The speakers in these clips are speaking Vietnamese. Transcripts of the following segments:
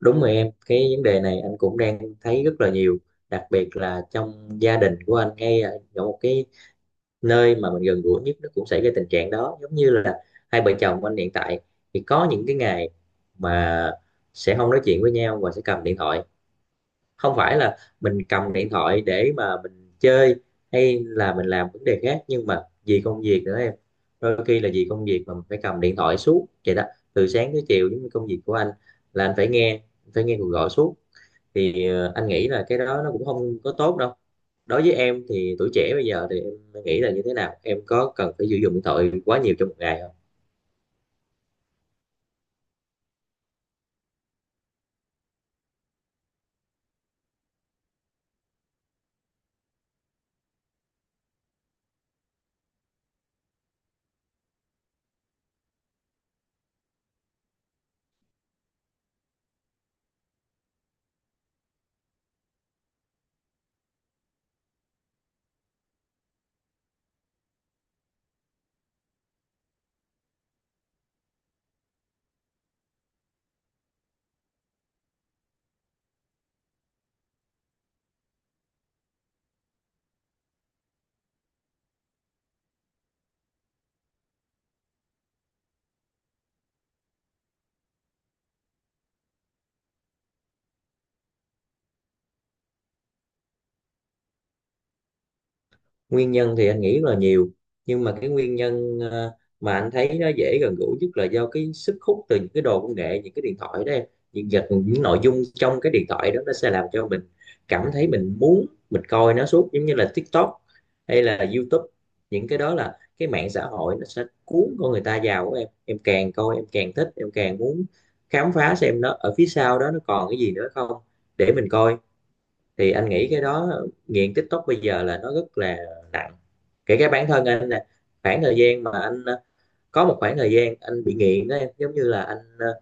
Đúng rồi em, cái vấn đề này anh cũng đang thấy rất là nhiều, đặc biệt là trong gia đình của anh ngay là ở một cái nơi mà mình gần gũi nhất nó cũng xảy ra tình trạng đó, giống như là hai vợ chồng anh hiện tại thì có những cái ngày mà sẽ không nói chuyện với nhau và sẽ cầm điện thoại. Không phải là mình cầm điện thoại để mà mình chơi hay là mình làm vấn đề khác, nhưng mà vì công việc nữa em. Đôi khi là vì công việc mà mình phải cầm điện thoại suốt vậy đó, từ sáng tới chiều. Giống như công việc của anh là anh phải nghe cuộc gọi suốt, thì anh nghĩ là cái đó nó cũng không có tốt đâu. Đối với em thì tuổi trẻ bây giờ thì em nghĩ là như thế nào, em có cần phải sử dụng điện thoại quá nhiều trong một ngày không? Nguyên nhân thì anh nghĩ là nhiều, nhưng mà cái nguyên nhân mà anh thấy nó dễ gần gũi nhất là do cái sức hút từ những cái đồ công nghệ, những cái điện thoại đó em. Những vật, những nội dung trong cái điện thoại đó nó sẽ làm cho mình cảm thấy mình muốn mình coi nó suốt, giống như là TikTok hay là YouTube. Những cái đó là cái mạng xã hội, nó sẽ cuốn con người ta vào của em càng coi em càng thích, em càng muốn khám phá xem nó ở phía sau đó nó còn cái gì nữa không để mình coi. Thì anh nghĩ cái đó, nghiện TikTok bây giờ là nó rất là nặng, kể cả bản thân anh nè. Khoảng thời gian mà anh có một khoảng thời gian anh bị nghiện đó em, giống như là anh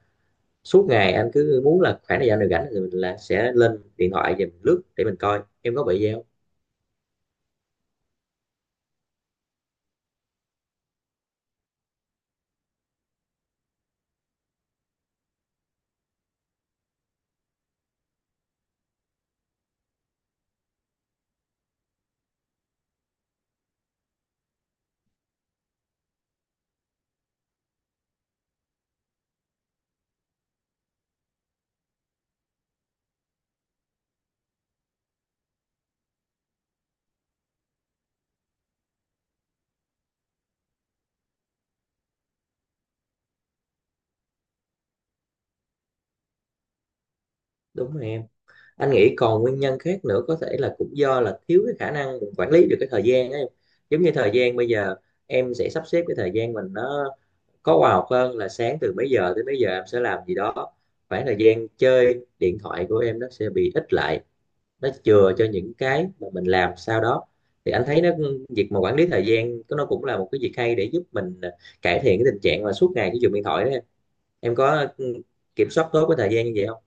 suốt ngày anh cứ muốn là khoảng thời gian nào rảnh thì mình là sẽ lên điện thoại và mình lướt để mình coi. Em có bị gì không? Đúng rồi em, anh nghĩ còn nguyên nhân khác nữa có thể là cũng do là thiếu cái khả năng quản lý được cái thời gian ấy. Giống như thời gian bây giờ, em sẽ sắp xếp cái thời gian mình nó có khoa học hơn, là sáng từ mấy giờ tới mấy giờ em sẽ làm gì đó, khoảng thời gian chơi điện thoại của em nó sẽ bị ít lại, nó chừa cho những cái mà mình làm sau đó. Thì anh thấy nó, việc mà quản lý thời gian có nó cũng là một cái việc hay để giúp mình cải thiện cái tình trạng mà suốt ngày cái dùng điện thoại đó em. Em có kiểm soát tốt cái thời gian như vậy không?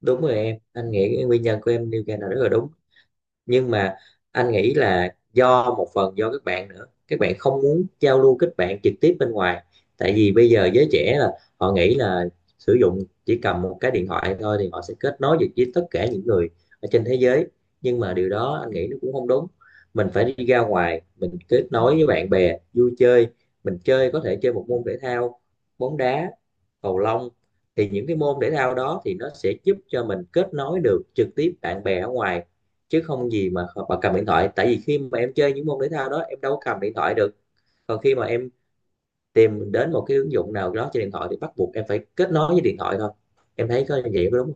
Đúng rồi em, anh nghĩ cái nguyên nhân của em nêu ra là rất là đúng, nhưng mà anh nghĩ là do một phần do các bạn nữa, các bạn không muốn giao lưu kết bạn trực tiếp bên ngoài. Tại vì bây giờ giới trẻ là họ nghĩ là sử dụng chỉ cầm một cái điện thoại thôi thì họ sẽ kết nối được với tất cả những người ở trên thế giới, nhưng mà điều đó anh nghĩ nó cũng không đúng. Mình phải đi ra ngoài, mình kết nối với bạn bè, vui chơi, mình chơi, có thể chơi một môn thể thao, bóng đá, cầu lông. Thì những cái môn thể thao đó thì nó sẽ giúp cho mình kết nối được trực tiếp bạn bè ở ngoài, chứ không gì mà cầm điện thoại. Tại vì khi mà em chơi những môn thể thao đó em đâu có cầm điện thoại được, còn khi mà em tìm đến một cái ứng dụng nào đó trên điện thoại thì bắt buộc em phải kết nối với điện thoại thôi. Em thấy có như vậy có đúng không?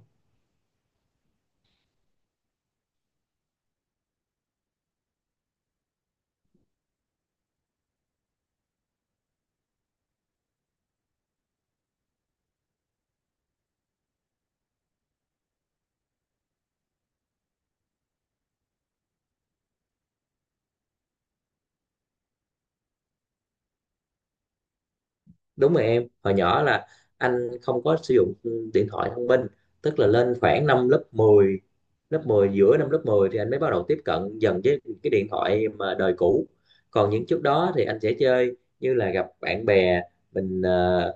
Đúng rồi em, hồi nhỏ là anh không có sử dụng điện thoại thông minh. Tức là lên khoảng năm lớp mười, giữa năm lớp 10 thì anh mới bắt đầu tiếp cận dần với cái điện thoại mà đời cũ. Còn những trước đó thì anh sẽ chơi như là gặp bạn bè, mình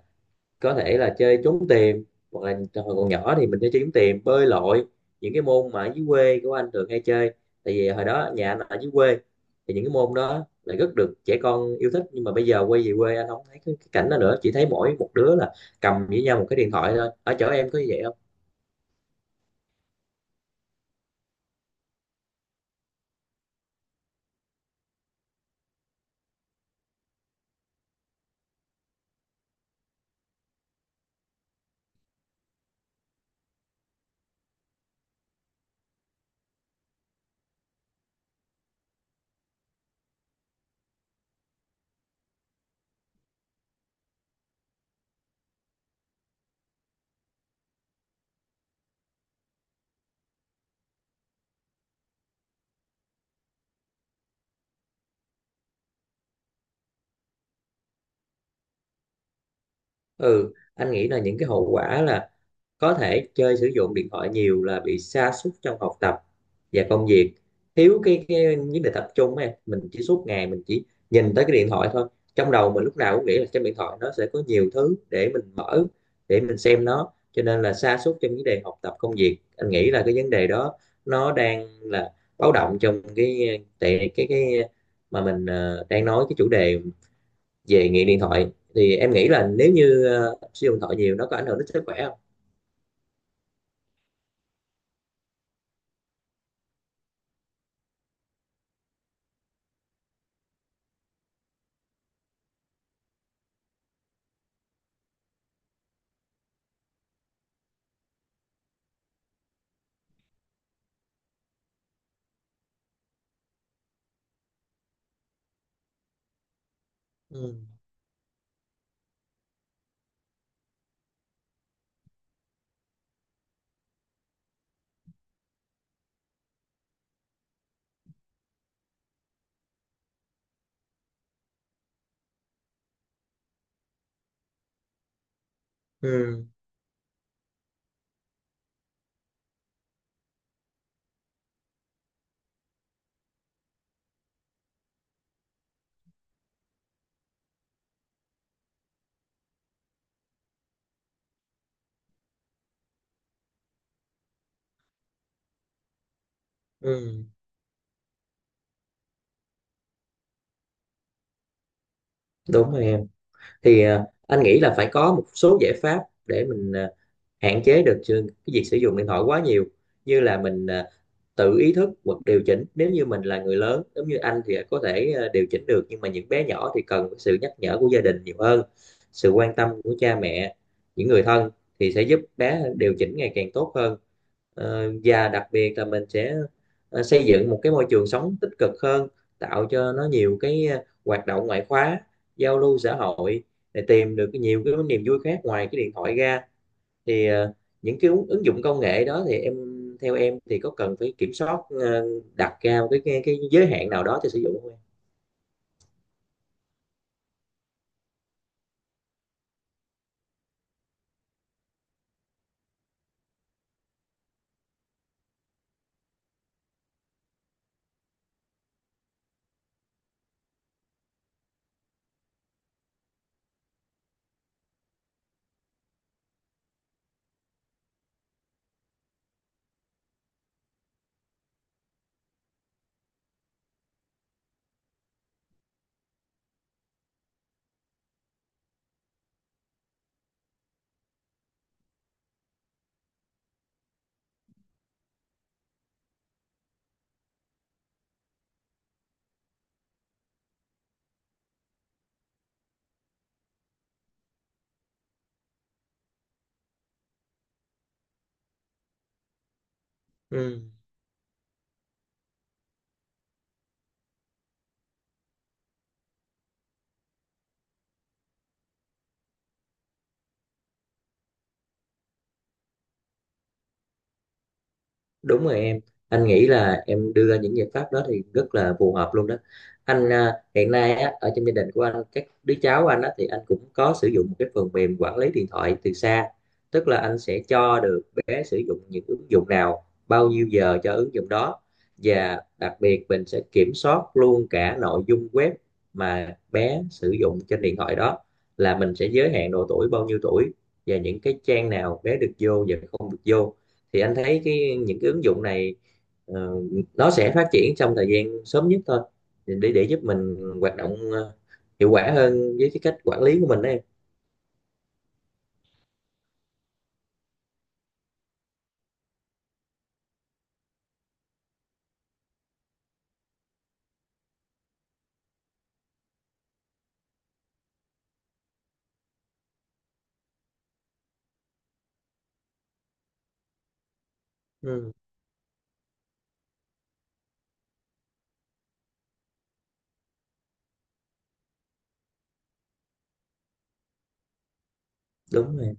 có thể là chơi trốn tìm, hoặc là hồi còn nhỏ thì mình chơi trốn tìm, bơi lội, những cái môn mà ở dưới quê của anh thường hay chơi. Tại vì hồi đó nhà anh ở dưới quê, thì những cái môn đó lại rất được trẻ con yêu thích, nhưng mà bây giờ quay về quê anh không thấy cái cảnh đó nữa, chỉ thấy mỗi một đứa là cầm với nhau một cái điện thoại thôi. Ở chỗ em có như vậy không? Ừ, anh nghĩ là những cái hậu quả là có thể chơi sử dụng điện thoại nhiều là bị sa sút trong học tập và công việc, thiếu cái vấn đề tập trung ấy. Mình chỉ suốt ngày mình chỉ nhìn tới cái điện thoại thôi, trong đầu mình lúc nào cũng nghĩ là trên điện thoại nó sẽ có nhiều thứ để mình mở, để mình xem nó, cho nên là sa sút trong vấn đề học tập công việc. Anh nghĩ là cái vấn đề đó nó đang là báo động trong cái tại cái mà mình đang nói cái chủ đề về nghiện điện thoại. Thì em nghĩ là nếu như sử dụng điện thoại nhiều nó có ảnh hưởng đến sức khỏe không? Ừ. Ừ, ừ, đúng rồi em. Thì à, anh nghĩ là phải có một số giải pháp để mình à, hạn chế được sự- cái việc sử dụng điện thoại quá nhiều. Như là mình à, tự ý thức hoặc điều chỉnh, nếu như mình là người lớn giống như anh thì có thể điều chỉnh được, nhưng mà những bé nhỏ thì cần sự nhắc nhở của gia đình nhiều hơn. Sự quan tâm của cha mẹ, những người thân thì sẽ giúp bé điều chỉnh ngày càng tốt hơn. Ờ, và đặc biệt là mình sẽ xây dựng một cái môi trường sống tích cực hơn, tạo cho nó nhiều cái hoạt động ngoại khóa, giao lưu xã hội để tìm được nhiều cái niềm vui khác ngoài cái điện thoại ra. Thì ờ, những cái ứng ứng dụng công nghệ đó thì em, theo em thì có cần phải kiểm soát đặt ra cái giới hạn nào đó cho sử dụng không em? Ừ. Đúng rồi em, anh nghĩ là em đưa ra những giải pháp đó thì rất là phù hợp luôn đó. Anh à, hiện nay á, ở trong gia đình của anh, các đứa cháu anh á, thì anh cũng có sử dụng một cái phần mềm quản lý điện thoại từ xa. Tức là anh sẽ cho được bé sử dụng những ứng dụng nào, bao nhiêu giờ cho ứng dụng đó. Và đặc biệt mình sẽ kiểm soát luôn cả nội dung web mà bé sử dụng trên điện thoại đó, là mình sẽ giới hạn độ tuổi, bao nhiêu tuổi và những cái trang nào bé được vô và không được vô. Thì anh thấy cái những cái ứng dụng này ờ, nó sẽ phát triển trong thời gian sớm nhất thôi, để giúp mình hoạt động hiệu quả hơn với cái cách quản lý của mình đấy em. Ừ, đúng rồi,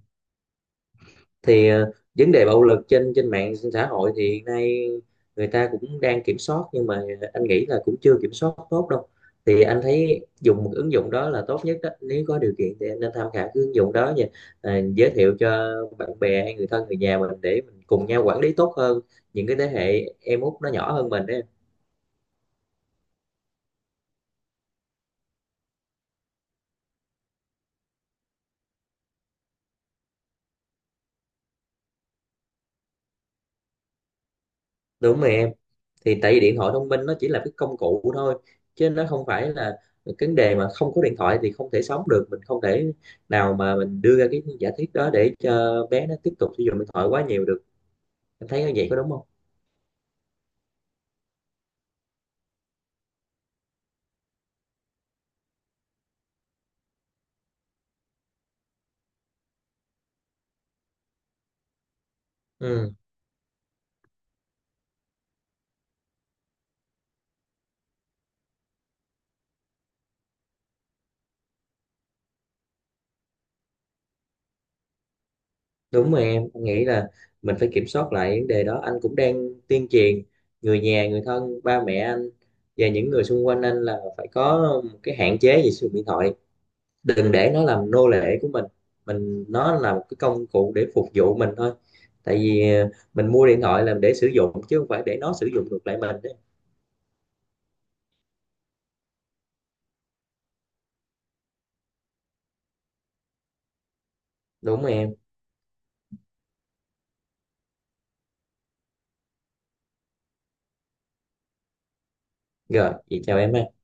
thì ờ, vấn đề bạo lực trên trên mạng xã hội thì hiện nay người ta cũng đang kiểm soát, nhưng mà anh nghĩ là cũng chưa kiểm soát tốt đâu. Thì anh thấy dùng một ứng dụng đó là tốt nhất đó, nếu có điều kiện thì anh nên tham khảo cái ứng dụng đó nha. Ờ, giới thiệu cho bạn bè hay người thân, người nhà mình để mình cùng nhau quản lý tốt hơn những cái thế hệ em út nó nhỏ hơn mình đấy. Đúng rồi em, thì tại vì điện thoại thông minh nó chỉ là cái công cụ thôi, chứ nó không phải là cái vấn đề mà không có điện thoại thì không thể sống được. Mình không thể nào mà mình đưa ra cái giả thuyết đó để cho bé nó tiếp tục sử dụng điện thoại quá nhiều được. Anh thấy như vậy có đúng không? Ừ, đúng rồi em. Anh nghĩ là mình phải kiểm soát lại vấn đề đó. Anh cũng đang tuyên truyền người nhà, người thân, ba mẹ anh và những người xung quanh anh là phải có một cái hạn chế về sử dụng điện thoại, đừng để nó làm nô lệ của mình. Mình nó là một cái công cụ để phục vụ mình thôi, tại vì ờ, mình mua điện thoại là để sử dụng, chứ không phải để nó sử dụng ngược lại mình đấy. Đúng rồi em, rồi vậy chào em ha.